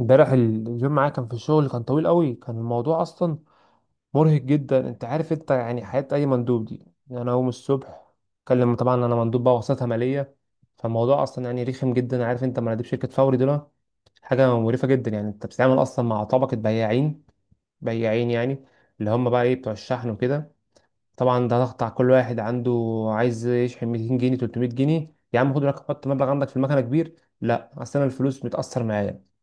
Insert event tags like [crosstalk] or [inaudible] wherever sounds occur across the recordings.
امبارح اليوم معايا كان في الشغل كان طويل قوي، كان الموضوع اصلا مرهق جدا. انت عارف يعني حياة اي مندوب دي. يعني انا اقوم الصبح اكلم، طبعا انا مندوب بقى وساطة مالية. فالموضوع اصلا يعني رخم جدا. عارف انت مناديب شركة فوري دول حاجة مقرفة جدا. يعني انت بتتعامل اصلا مع طبقة بياعين، بياعين يعني، اللي هم بقى ايه، بتوع الشحن وكده. طبعا ده ضغط على كل واحد عنده، عايز يشحن 200 جنيه، 300 جنيه. يا عم خد لك حط مبلغ عندك في المكنة كبير. لا، اصل انا الفلوس متأثر معايا.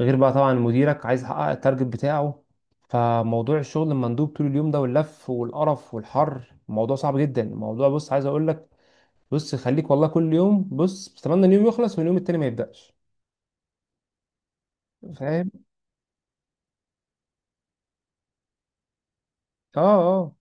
غير بقى طبعا مديرك عايز يحقق التارجت بتاعه. فموضوع الشغل المندوب طول اليوم ده واللف والقرف والحر، الموضوع صعب جدا. الموضوع بص عايز اقول لك، بص خليك والله كل يوم بص بتمنى اليوم يخلص واليوم التاني ما يبدأش. فاهم؟ اه. اه.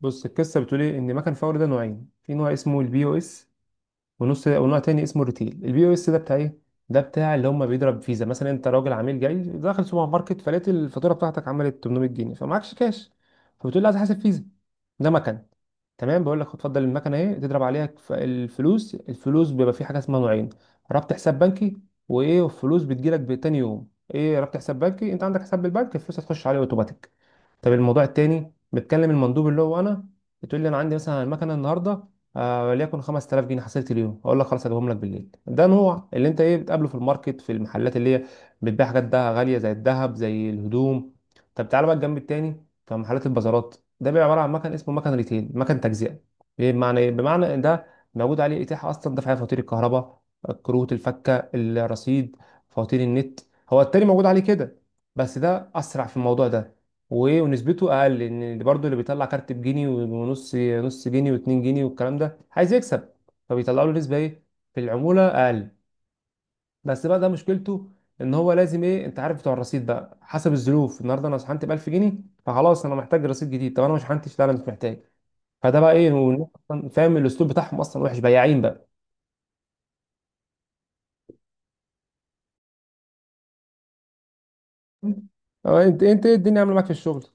بص القصه بتقول ايه، ان مكن فوري ده نوعين، في نوع اسمه البي او اس ونص، ونوع تاني اسمه الريتيل. البي او اس ده بتاع ايه؟ ده بتاع اللي هم بيضرب فيزا. مثلا انت راجل عميل جاي داخل سوبر ماركت فلقيت الفاتوره بتاعتك عملت 800 جنيه فمعكش كاش، فبتقول لي عايز احاسب فيزا. ده مكن. تمام. بقول لك هتفضل المكنه ايه، تضرب عليها. الفلوس بيبقى في حاجه اسمها نوعين. ربط حساب بنكي، وايه؟ والفلوس بتجيلك بتاني يوم. ايه ربط حساب بنكي؟ انت عندك حساب بالبنك، الفلوس هتخش عليه اوتوماتيك. طب الموضوع التاني، بتكلم المندوب اللي هو انا، بتقول لي انا عندي مثلا المكنه النهارده، وليكن 5000 جنيه حصلت اليوم، اقول لك خلاص هجيبهم لك بالليل. ده نوع اللي انت ايه بتقابله في الماركت، في المحلات اللي هي بتبيع حاجات ده غاليه، زي الذهب زي الهدوم. طب تعالى بقى الجنب التاني في محلات البازارات، ده بيبقى عباره عن مكن اسمه مكن ريتيل، مكن تجزئه. إيه بمعنى ايه؟ بمعنى إن ده موجود عليه اتاحه اصلا دفع فواتير الكهرباء، كروت الفكه، الرصيد، فواتير النت. هو التاني موجود عليه كده بس ده اسرع في الموضوع ده. وايه ونسبته اقل، ان برضه اللي بيطلع كارت بجنيه ونص، نص جنيه واتنين جنيه والكلام ده عايز يكسب، فبيطلعوا له نسبه ايه، في العموله اقل. بس بقى ده مشكلته ان هو لازم ايه، انت عارف بتوع الرصيد بقى، حسب الظروف النهارده انا شحنت ب 1000 جنيه فخلاص انا محتاج رصيد جديد، طب انا ما شحنتش، لا انا مش محتاج. فده بقى ايه، والناس أصلاً فاهم الاسلوب بتاعهم اصلا وحش، بياعين بقى. [laughs] أه، انت ايه الدنيا عامله معاك في الشغل؟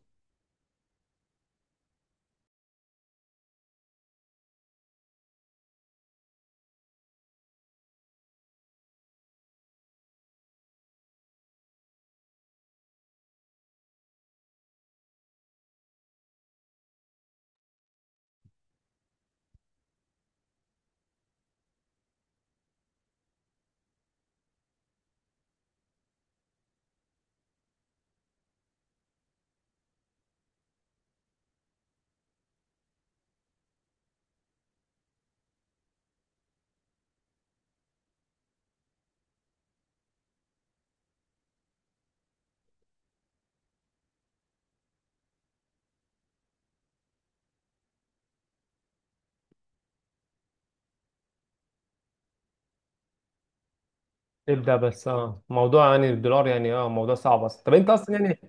ابدأ. بس اه موضوع يعني الدولار، يعني اه موضوع صعب اصلا. طب انت اصلا يعني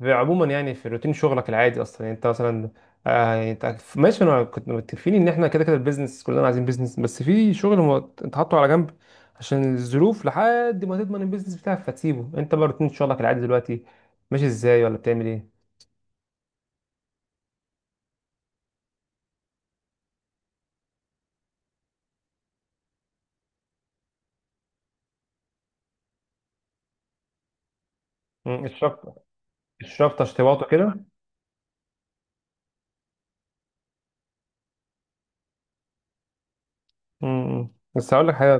عموما، يعني في روتين شغلك العادي اصلا، يعني انت مثلا آه، يعني انت ماشي، انا كنت متفقين ان احنا كده كده البيزنس، كلنا عايزين بيزنس بس في شغل هو انت حاطه على جنب عشان الظروف لحد ما تضمن البيزنس بتاعك فتسيبه. انت بقى روتين شغلك العادي دلوقتي ماشي ازاي، ولا بتعمل ايه؟ مم، الشفط. الشفط اشتباطه كده. مم. بس هقول لك حاجه،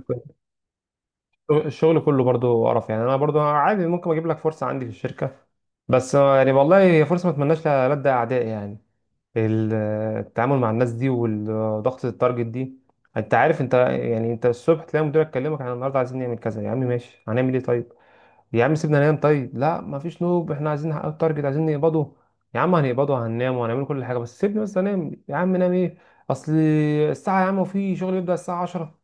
الشغل كله برضو قرف. يعني انا برضو عادي ممكن اجيب لك فرصه عندي في الشركه، بس يعني والله هي فرصه ما اتمناش لألد اعدائي. يعني ال- التعامل مع الناس دي، والضغط، التارجت دي. انت عارف يعني، انت الصبح تلاقي مديرك يكلمك: احنا النهارده عايزين نعمل كذا. يا عم ماشي، هنعمل ايه؟ طيب يا عم سيبنا ننام. طيب لا مفيش نوم، احنا عايزين نحقق التارجت، عايزين نقبضه. يا عم هنقبضه، هننام وهنعمل كل حاجه بس سيبني بس انام. يا عم نام ايه، اصل الساعه يا عم، وفي شغل بيبدأ الساعه 10.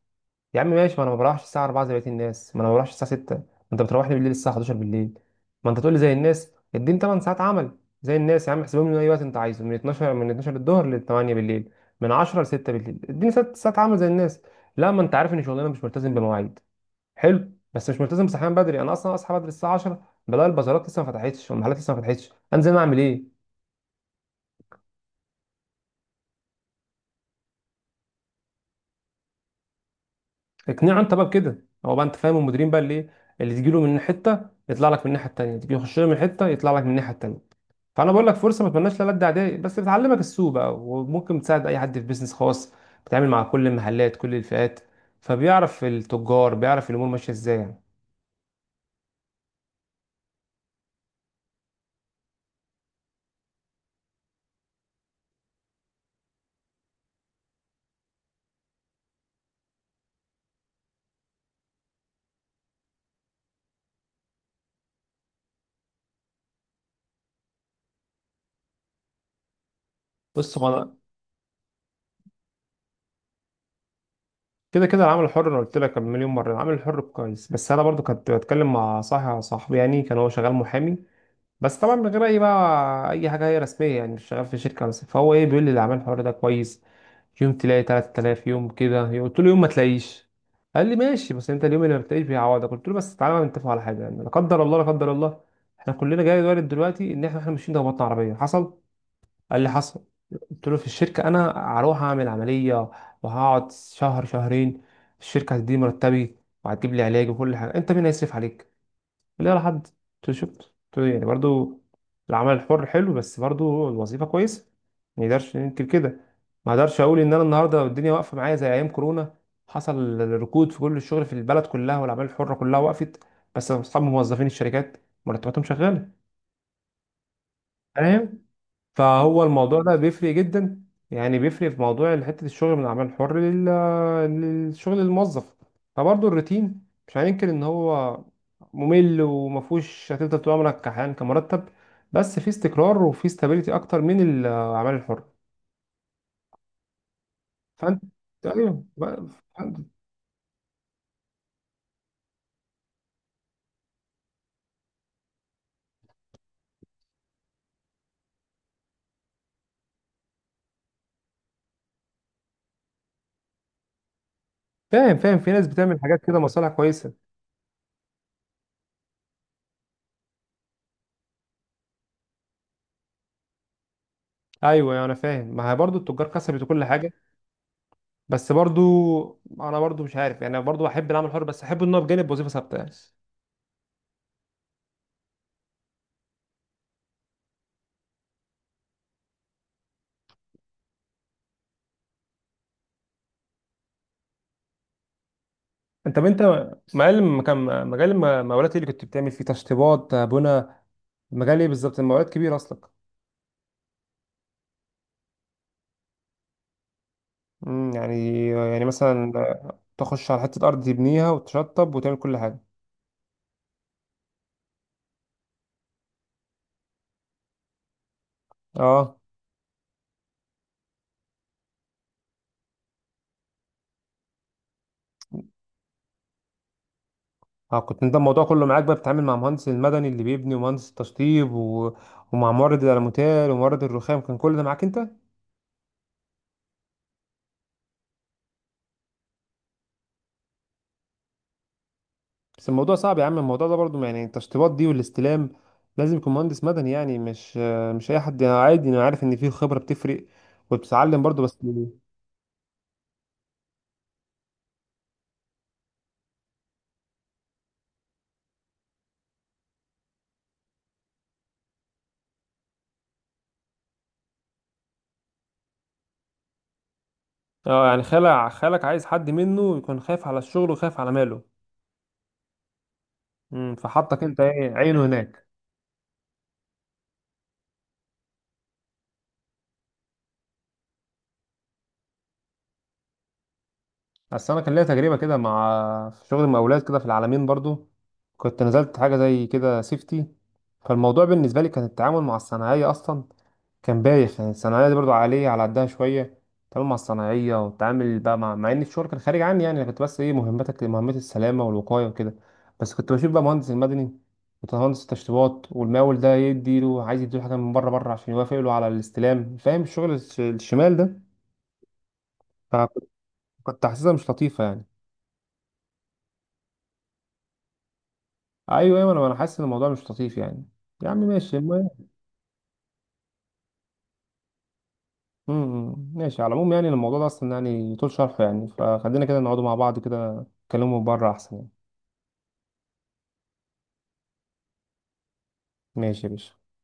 يا عم ماشي، ما انا ما بروحش الساعه 4 زي بقيه الناس، ما انا ما بروحش الساعه 6. ما انت بتروح لي بالليل الساعه 11 بالليل. ما انت تقول لي زي الناس اديني 8 ساعات عمل زي الناس. يا عم احسبهم لي من اي وقت انت عايزه، من 12، من 12 الظهر ل 8 بالليل، من 10 ل 6 بالليل، اديني 6 ساعات عمل زي الناس. لا ما انت عارف ان شغلنا مش ملتزم بمواعيد. حلو بس مش ملتزم بصحيان بدري، انا اصلا اصحى بدري الساعه 10 بلاقي البازارات لسه ما فتحتش والمحلات لسه ما فتحتش، انزل أنا اعمل ايه؟ اقنعه انت بقى بكده. هو بقى انت فاهم المديرين بقى، اللي ايه، اللي تجيله من حته يطلع لك من الناحيه التانيه، تيجي يخش له من حته يطلع لك من الناحيه التانيه. فانا بقول لك فرصه ما اتمناش لا لد اعدائي، بس بتعلمك السوق بقى، وممكن تساعد اي حد في بيزنس خاص، بتتعامل مع كل المحلات، كل الفئات، فبيعرف التجار، بيعرف الامور ماشيه ازاي يعني. بص هو انا كده كده العمل الحر، انا قلت لك مليون مره العمل الحر كويس، بس انا برضو كنت بتكلم مع صاحبي يعني، كان هو شغال محامي بس طبعا من غير اي بقى اي حاجه هي رسميه، يعني مش شغال في شركه. بس فهو ايه بيقول لي، اللي عمل الحوار ده كويس، يوم تلاقي 3000، يوم كده، قلت له يوم ما تلاقيش. قال لي ماشي بس انت اليوم اللي ما بتلاقيش بيعوضك. قلت له بس تعالى بقى نتفق على حاجه يعني، لا قدر الله لا قدر الله، احنا كلنا جاي وارد دلوقتي ان احنا ماشيين ده بطن عربيه حصل. قال لي حصل. قلت له في الشركه انا هروح اعمل عمليه وهقعد شهر شهرين، الشركه هتديني مرتبي وهتجيب لي علاج وكل حاجه. انت مين هيصرف عليك؟ اللي هي لحد تشوف يعني. برضو العمل الحر حلو، بس برضو الوظيفة كويسة، ما نقدرش ننكر كده. ما اقدرش اقول ان انا النهارده الدنيا واقفة معايا، زي ايام كورونا حصل ركود في كل الشغل في البلد كلها، والاعمال الحرة كلها وقفت، بس اصحاب موظفين الشركات مرتباتهم شغالة. فاهم؟ فهو الموضوع ده بيفرق جدا، يعني بيفرق في موضوع حتة الشغل من العمل الحر للشغل الموظف. فبرضه الروتين مش هننكر ان هو ممل، ومفهوش هتفضل طول عمرك كحيان كمرتب، بس في استقرار وفي استابيليتي اكتر من العمل الحر. فانت، ايوه بقى- فاهم فاهم. في ناس بتعمل حاجات كده مصالح كويسة. ايوه، يعني انا فاهم، ما هي برضه التجار كسبت وكل حاجة، بس انا برضه مش عارف، يعني برضه احب العمل الحر بس احب ان هو بجانب وظيفة ثابتة يعني. انت، طب انت مجال، مكان، مجال المقاولات ايه اللي كنت بتعمل فيه، تشطيبات، بنا، مجال ايه بالظبط؟ المقاولات كبير اصلا. امم، يعني يعني مثلا تخش على حته ارض تبنيها وتشطب وتعمل كل حاجه. اه. اه كنت انت الموضوع كله معاك بقى، بتتعامل مع مهندس المدني اللي بيبني، ومهندس التشطيب و... ومع مورد الالوميتال ومورد الرخام، كان كل ده معاك انت؟ بس الموضوع صعب يا عم، الموضوع ده برضو يعني التشطيبات دي والاستلام لازم يكون مهندس مدني يعني، مش اي حد. انا عادي انا عارف ان فيه خبره بتفرق، وبتتعلم برضو، بس اه يعني خالع خالك عايز حد منه يكون خايف على الشغل وخايف على ماله. امم، فحطك انت ايه عينه هناك. بس انا كان ليا تجربه كده مع، في شغل مقاولات كده في العالمين برضو، كنت نزلت حاجه زي كده سيفتي. فالموضوع بالنسبه لي كان التعامل مع الصناعيه اصلا كان بايخ. يعني الصناعية دي برضو عالية على قدها شوية، تعامل مع الصناعية، وتعامل بقى مع إن الشغل كان خارج عني. يعني أنا كنت بس إيه مهمتك، مهمات السلامة والوقاية وكده، بس كنت بشوف بقى مهندس المدني ومهندس التشطيبات والمقاول، ده يديله، عايز يديله حاجة من بره، بره عشان يوافق له على الاستلام. فاهم الشغل الشمال ده؟ فكنت، كنت حاسسها مش لطيفة يعني. أيوه أيوه، أنا حاسس إن الموضوع مش لطيف يعني. يا عم ماشي المهم. ماشي، على العموم يعني الموضوع ده أصلا يعني طول شرحه، يعني فخلينا كده نقعدوا مع بعض كده نتكلموا بره أحسن يعني. ماشي يا باشا.